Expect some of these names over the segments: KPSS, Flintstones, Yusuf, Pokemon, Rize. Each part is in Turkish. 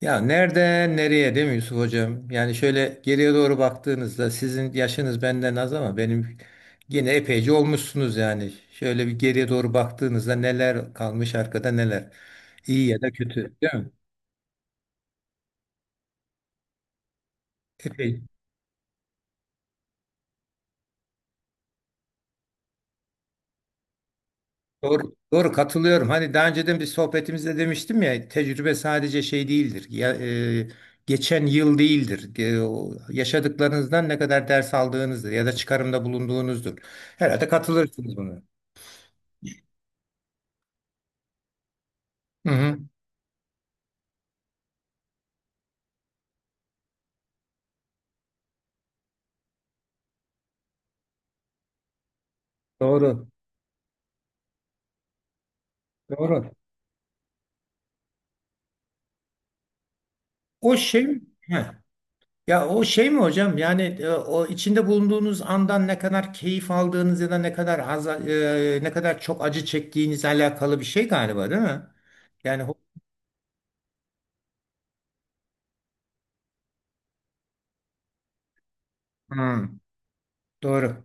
Ya nereden nereye değil mi Yusuf hocam? Yani şöyle geriye doğru baktığınızda sizin yaşınız benden az ama benim yine epeyce olmuşsunuz yani. Şöyle bir geriye doğru baktığınızda neler kalmış arkada neler. İyi ya da kötü değil mi? Epey. Doğru, doğru katılıyorum. Hani daha önceden bir sohbetimizde demiştim ya tecrübe sadece şey değildir. E, Geçen yıl değildir. O yaşadıklarınızdan ne kadar ders aldığınızdır ya da çıkarımda bulunduğunuzdur. Herhalde katılırsınız buna. Hı hı. Doğru. Doğru. O şey. Heh. Ya o şey mi hocam? Yani o içinde bulunduğunuz andan ne kadar keyif aldığınız ya da ne kadar az ne kadar çok acı çektiğinizle alakalı bir şey galiba, değil mi? Yani ho- Hmm, doğru.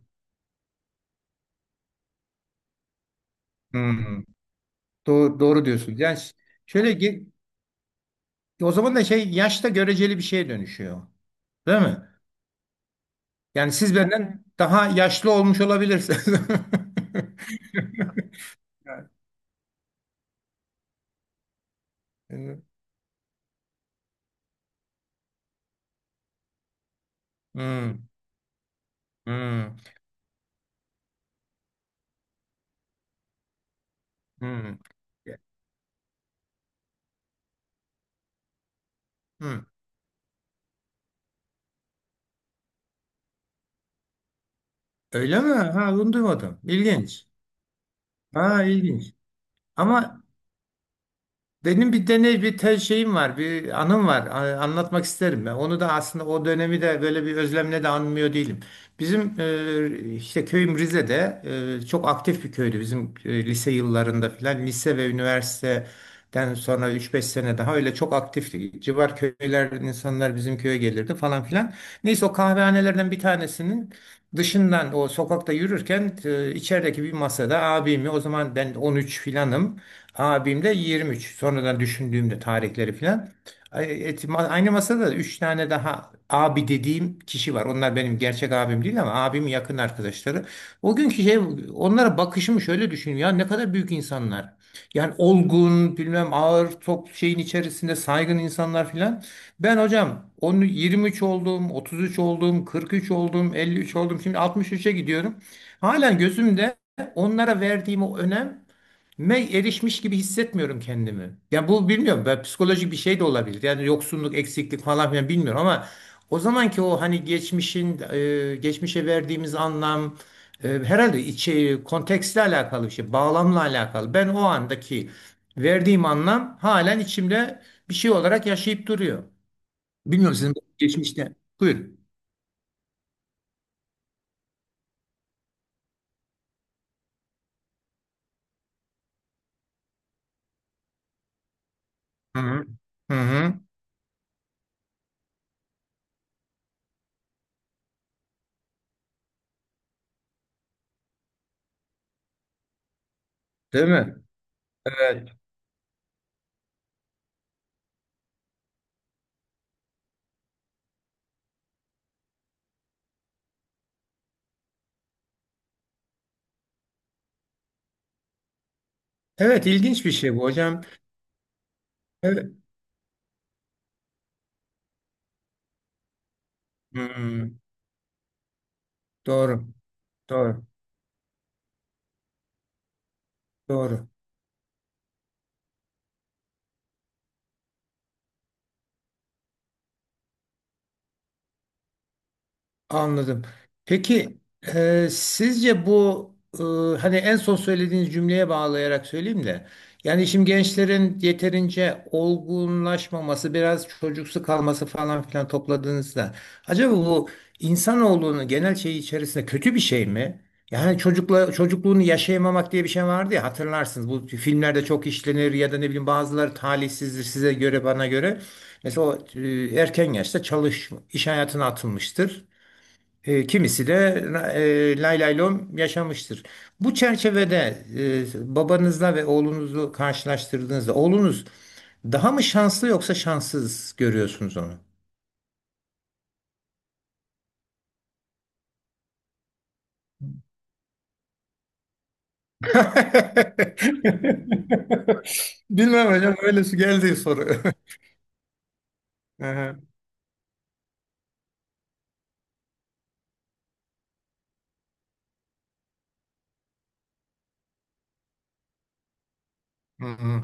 Hmm, doğru. Doğru diyorsunuz. Şöyle ge- O zaman da şey, yaşta göreceli bir şeye dönüşüyor. Değil mi? Yani siz benden daha yaşlı olmuş olabilirsiniz. Hmm, hmm, hmm. Hmm. Öyle mi? Ha, bunu duymadım. İlginç. Ha, ilginç. Ama benim bir deney, bir te şeyim var, bir anım var. Anlatmak isterim ben. Onu da aslında o dönemi de böyle bir özlemle de anmıyor değilim. Bizim işte köyüm Rize'de çok aktif bir köydü bizim, lise yıllarında filan. Lise ve üniversiteden sonra üç beş sene daha öyle çok aktifti. Civar köylerden insanlar bizim köye gelirdi falan filan. Neyse, o kahvehanelerden bir tanesinin dışından o sokakta yürürken, içerideki bir masada abimi, o zaman ben 13 filanım. Abimde de 23. Sonradan düşündüğümde tarihleri filan. Aynı masada da 3 tane daha abi dediğim kişi var. Onlar benim gerçek abim değil ama abimin yakın arkadaşları. O günkü şey, onlara bakışımı şöyle düşünüyorum. Ya ne kadar büyük insanlar. Yani olgun, bilmem, ağır top şeyin içerisinde saygın insanlar filan. Ben hocam onu 23 oldum, 33 oldum, 43 oldum, 53 oldum. Şimdi 63'e gidiyorum. Halen gözümde onlara verdiğim o önem erişmiş gibi hissetmiyorum kendimi. Ya bu bilmiyorum, ben, psikolojik bir şey de olabilir. Yani yoksunluk, eksiklik falan filan bilmiyorum ama o zamanki, o hani geçmişin, geçmişe verdiğimiz anlam, herhalde içi kontekstle alakalı bir şey, bağlamla alakalı. Ben o andaki verdiğim anlam halen içimde bir şey olarak yaşayıp duruyor. Bilmiyorum sizin geçmişte. Buyurun. Hı hı. Hı hı. Değil mi? Evet. Evet, ilginç bir şey bu hocam. Evet. Hı hı. Doğru. Doğru. Doğru. Anladım. Peki, sizce bu, e, hani en son söylediğiniz cümleye bağlayarak söyleyeyim de, yani şimdi gençlerin yeterince olgunlaşmaması, biraz çocuksu kalması falan filan topladığınızda, acaba bu insanoğlunun genel şeyi içerisinde kötü bir şey mi? Yani çocukla çocukluğunu yaşayamamak diye bir şey vardı ya, hatırlarsınız, bu filmlerde çok işlenir ya da ne bileyim, bazıları talihsizdir size göre, bana göre. Mesela o, erken yaşta çalış, iş hayatına atılmıştır. Kimisi de lay lay lom yaşamıştır. Bu çerçevede, babanızla ve oğlunuzu karşılaştırdığınızda oğlunuz daha mı şanslı, yoksa şanssız görüyorsunuz onu? Bilmem hocam, öyle su geldi soru. Aha. Hı hı.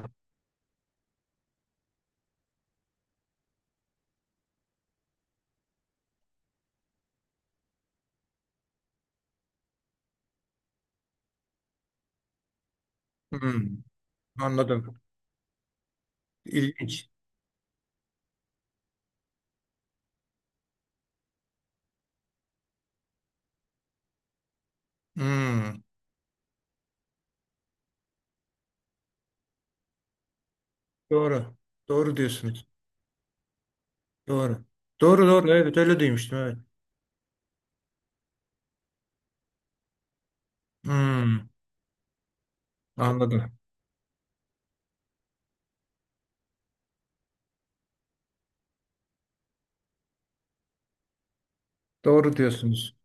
Hı. Anladım. İlginç. Hı. Doğru. Doğru diyorsunuz. Doğru. Doğru doğru, evet, öyle duymuştum, evet. Hı. Anladım. Doğru diyorsunuz.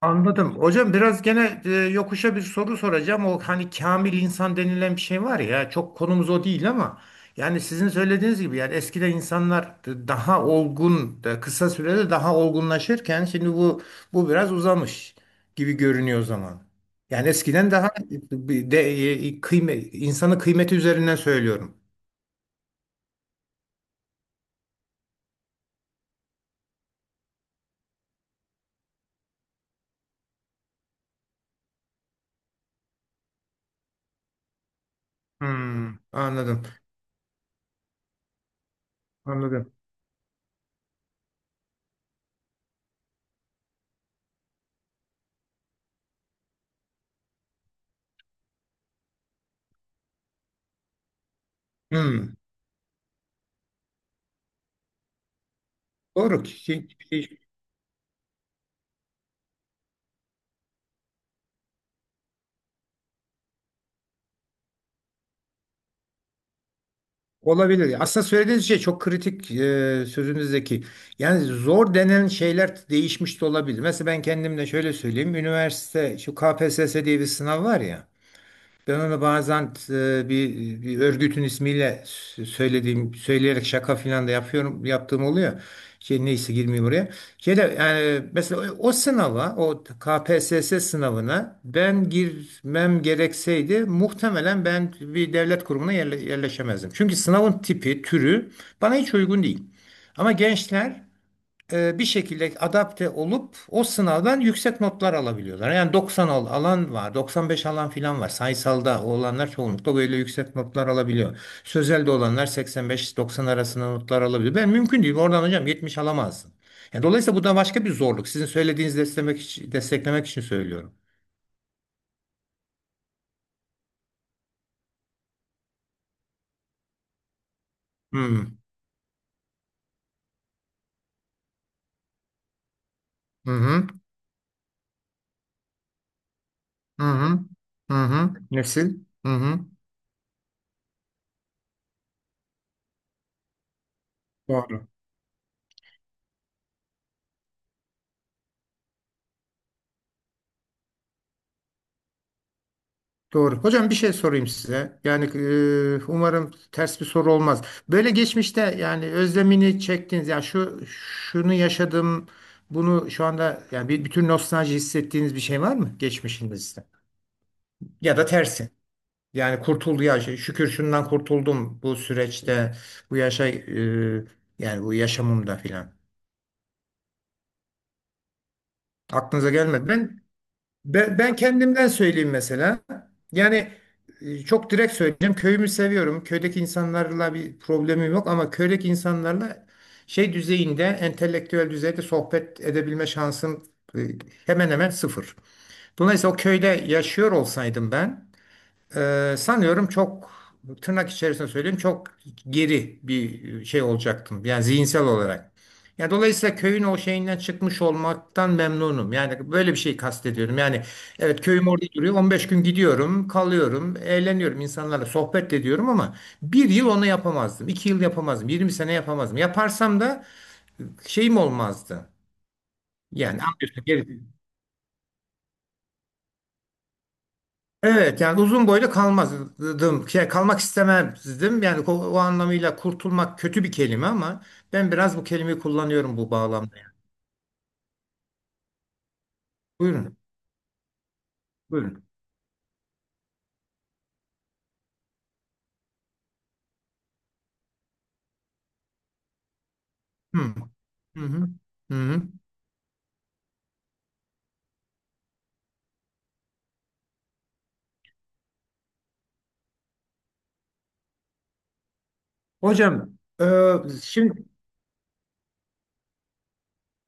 Anladım. Hocam, biraz gene yokuşa bir soru soracağım. O hani kamil insan denilen bir şey var ya, çok konumuz o değil ama, yani sizin söylediğiniz gibi, yani eskiden insanlar daha olgun da kısa sürede daha olgunlaşırken, şimdi bu, bu biraz uzamış gibi görünüyor o zaman. Yani eskiden daha bir de, insanın kıymeti üzerinden söylüyorum. Hmm, anladım. Anladım. Hmm, doğru. Ki olabilir. Aslında söylediğiniz şey çok kritik, sözünüzdeki. Yani zor denen şeyler değişmiş de olabilir. Mesela ben kendimle şöyle söyleyeyim. Üniversite, şu KPSS diye bir sınav var ya. Ben onu bazen, bir örgütün ismiyle söylediğim, söyleyerek şaka filan da yapıyorum, yaptığım oluyor. Şey, neyse, girmeyeyim oraya. Şey de, yani mesela o sınava, o KPSS sınavına ben girmem gerekseydi, muhtemelen ben bir devlet kurumuna yerleşemezdim. Çünkü sınavın tipi, türü bana hiç uygun değil. Ama gençler bir şekilde adapte olup o sınavdan yüksek notlar alabiliyorlar. Yani 90 alan var, 95 alan filan var. Sayısalda olanlar çoğunlukla böyle yüksek notlar alabiliyor. Sözelde olanlar 85-90 arasında notlar alabiliyor. Ben mümkün değil. Oradan hocam 70 alamazsın. Yani dolayısıyla bu da başka bir zorluk. Sizin söylediğinizi desteklemek için söylüyorum. Hmm. Hı hı. Hı hı. Hı hı. Hı hı. Nesil. Hı hı. Doğru. Doğru. Hocam, bir şey sorayım size. Yani umarım ters bir soru olmaz. Böyle geçmişte, yani özlemini çektiğiniz, ya şu şunu yaşadım, bunu şu anda, yani bir bütün nostalji hissettiğiniz bir şey var mı geçmişinizde? Ya da tersi. Yani kurtuldu ya, şey, şükür şundan kurtuldum bu süreçte, bu yaşa, yani bu yaşamımda filan. Aklınıza gelmedi. Ben, kendimden söyleyeyim mesela. Yani, çok direkt söyleyeceğim. Köyümü seviyorum. Köydeki insanlarla bir problemim yok ama köydeki insanlarla şey düzeyinde, entelektüel düzeyde sohbet edebilme şansım, e, hemen hemen sıfır. Dolayısıyla o köyde yaşıyor olsaydım ben, sanıyorum çok, tırnak içerisinde söyleyeyim, çok geri bir şey olacaktım. Yani zihinsel olarak. Yani dolayısıyla köyün o şeyinden çıkmış olmaktan memnunum. Yani böyle bir şey kastediyorum. Yani evet, köyüm orada duruyor. 15 gün gidiyorum, kalıyorum, eğleniyorum, insanlarla sohbet ediyorum ama bir yıl onu yapamazdım, 2 yıl yapamazdım, 20 sene yapamazdım. Yaparsam da şeyim olmazdı. Yani anlıyorsun. Evet yani uzun boylu kalmazdım. Şey, kalmak istemezdim. Yani o, o anlamıyla kurtulmak kötü bir kelime ama ben biraz bu kelimeyi kullanıyorum bu bağlamda. Buyurun. Buyurun. Hı hı. Hı hı. Hı. Hocam. Ee, Şimdi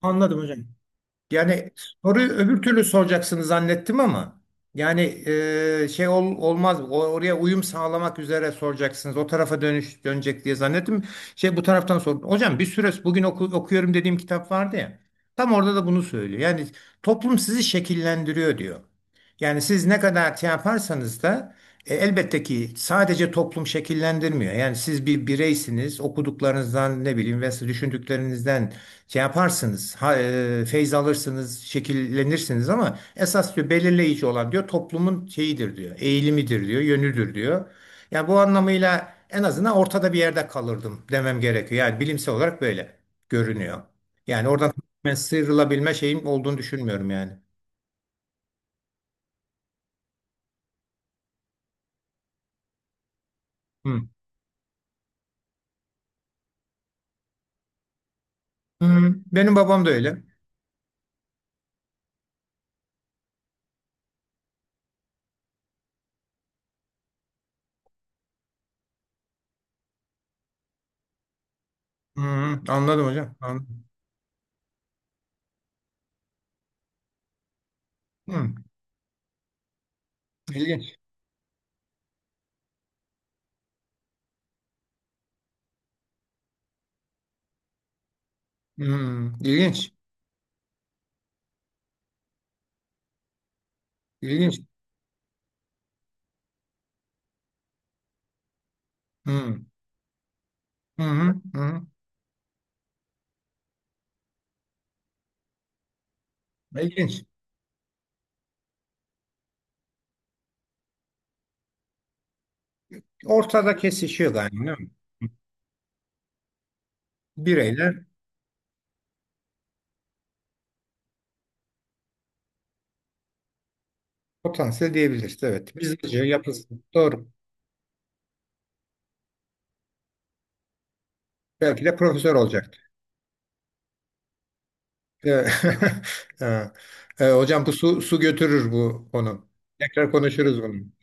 anladım hocam. Yani soruyu öbür türlü soracaksınız zannettim ama, yani olmaz, oraya uyum sağlamak üzere soracaksınız, o tarafa dönüş dönecek diye zannettim. Şey, bu taraftan sordum hocam, bir süre bugün okuyorum dediğim kitap vardı ya, tam orada da bunu söylüyor. Yani toplum sizi şekillendiriyor diyor, yani siz ne kadar şey yaparsanız da, elbette ki sadece toplum şekillendirmiyor, yani siz bir bireysiniz, okuduklarınızdan ne bileyim ve düşündüklerinizden şey yaparsınız, feyz alırsınız, şekillenirsiniz ama esas diyor belirleyici olan, diyor toplumun şeyidir diyor, eğilimidir diyor, yönüdür diyor. Yani bu anlamıyla en azından ortada bir yerde kalırdım demem gerekiyor. Yani bilimsel olarak böyle görünüyor. Yani oradan tamamen sıyrılabilme şeyim olduğunu düşünmüyorum yani. Hı. Hı. Benim babam da öyle. Hı, anladım hocam. Anladım. Hı. İlginç. Hı. İlginç. İlginç. Hı. Hı hı. Hı. İlginç. Ortada kesişiyor yani, değil mi? Bireyler, potansiyel diyebiliriz. Evet. Biz yapısı. Doğru. Belki de profesör olacaktı. Evet. Ha. Hocam bu su götürür bu konu. Tekrar konuşuruz bunu.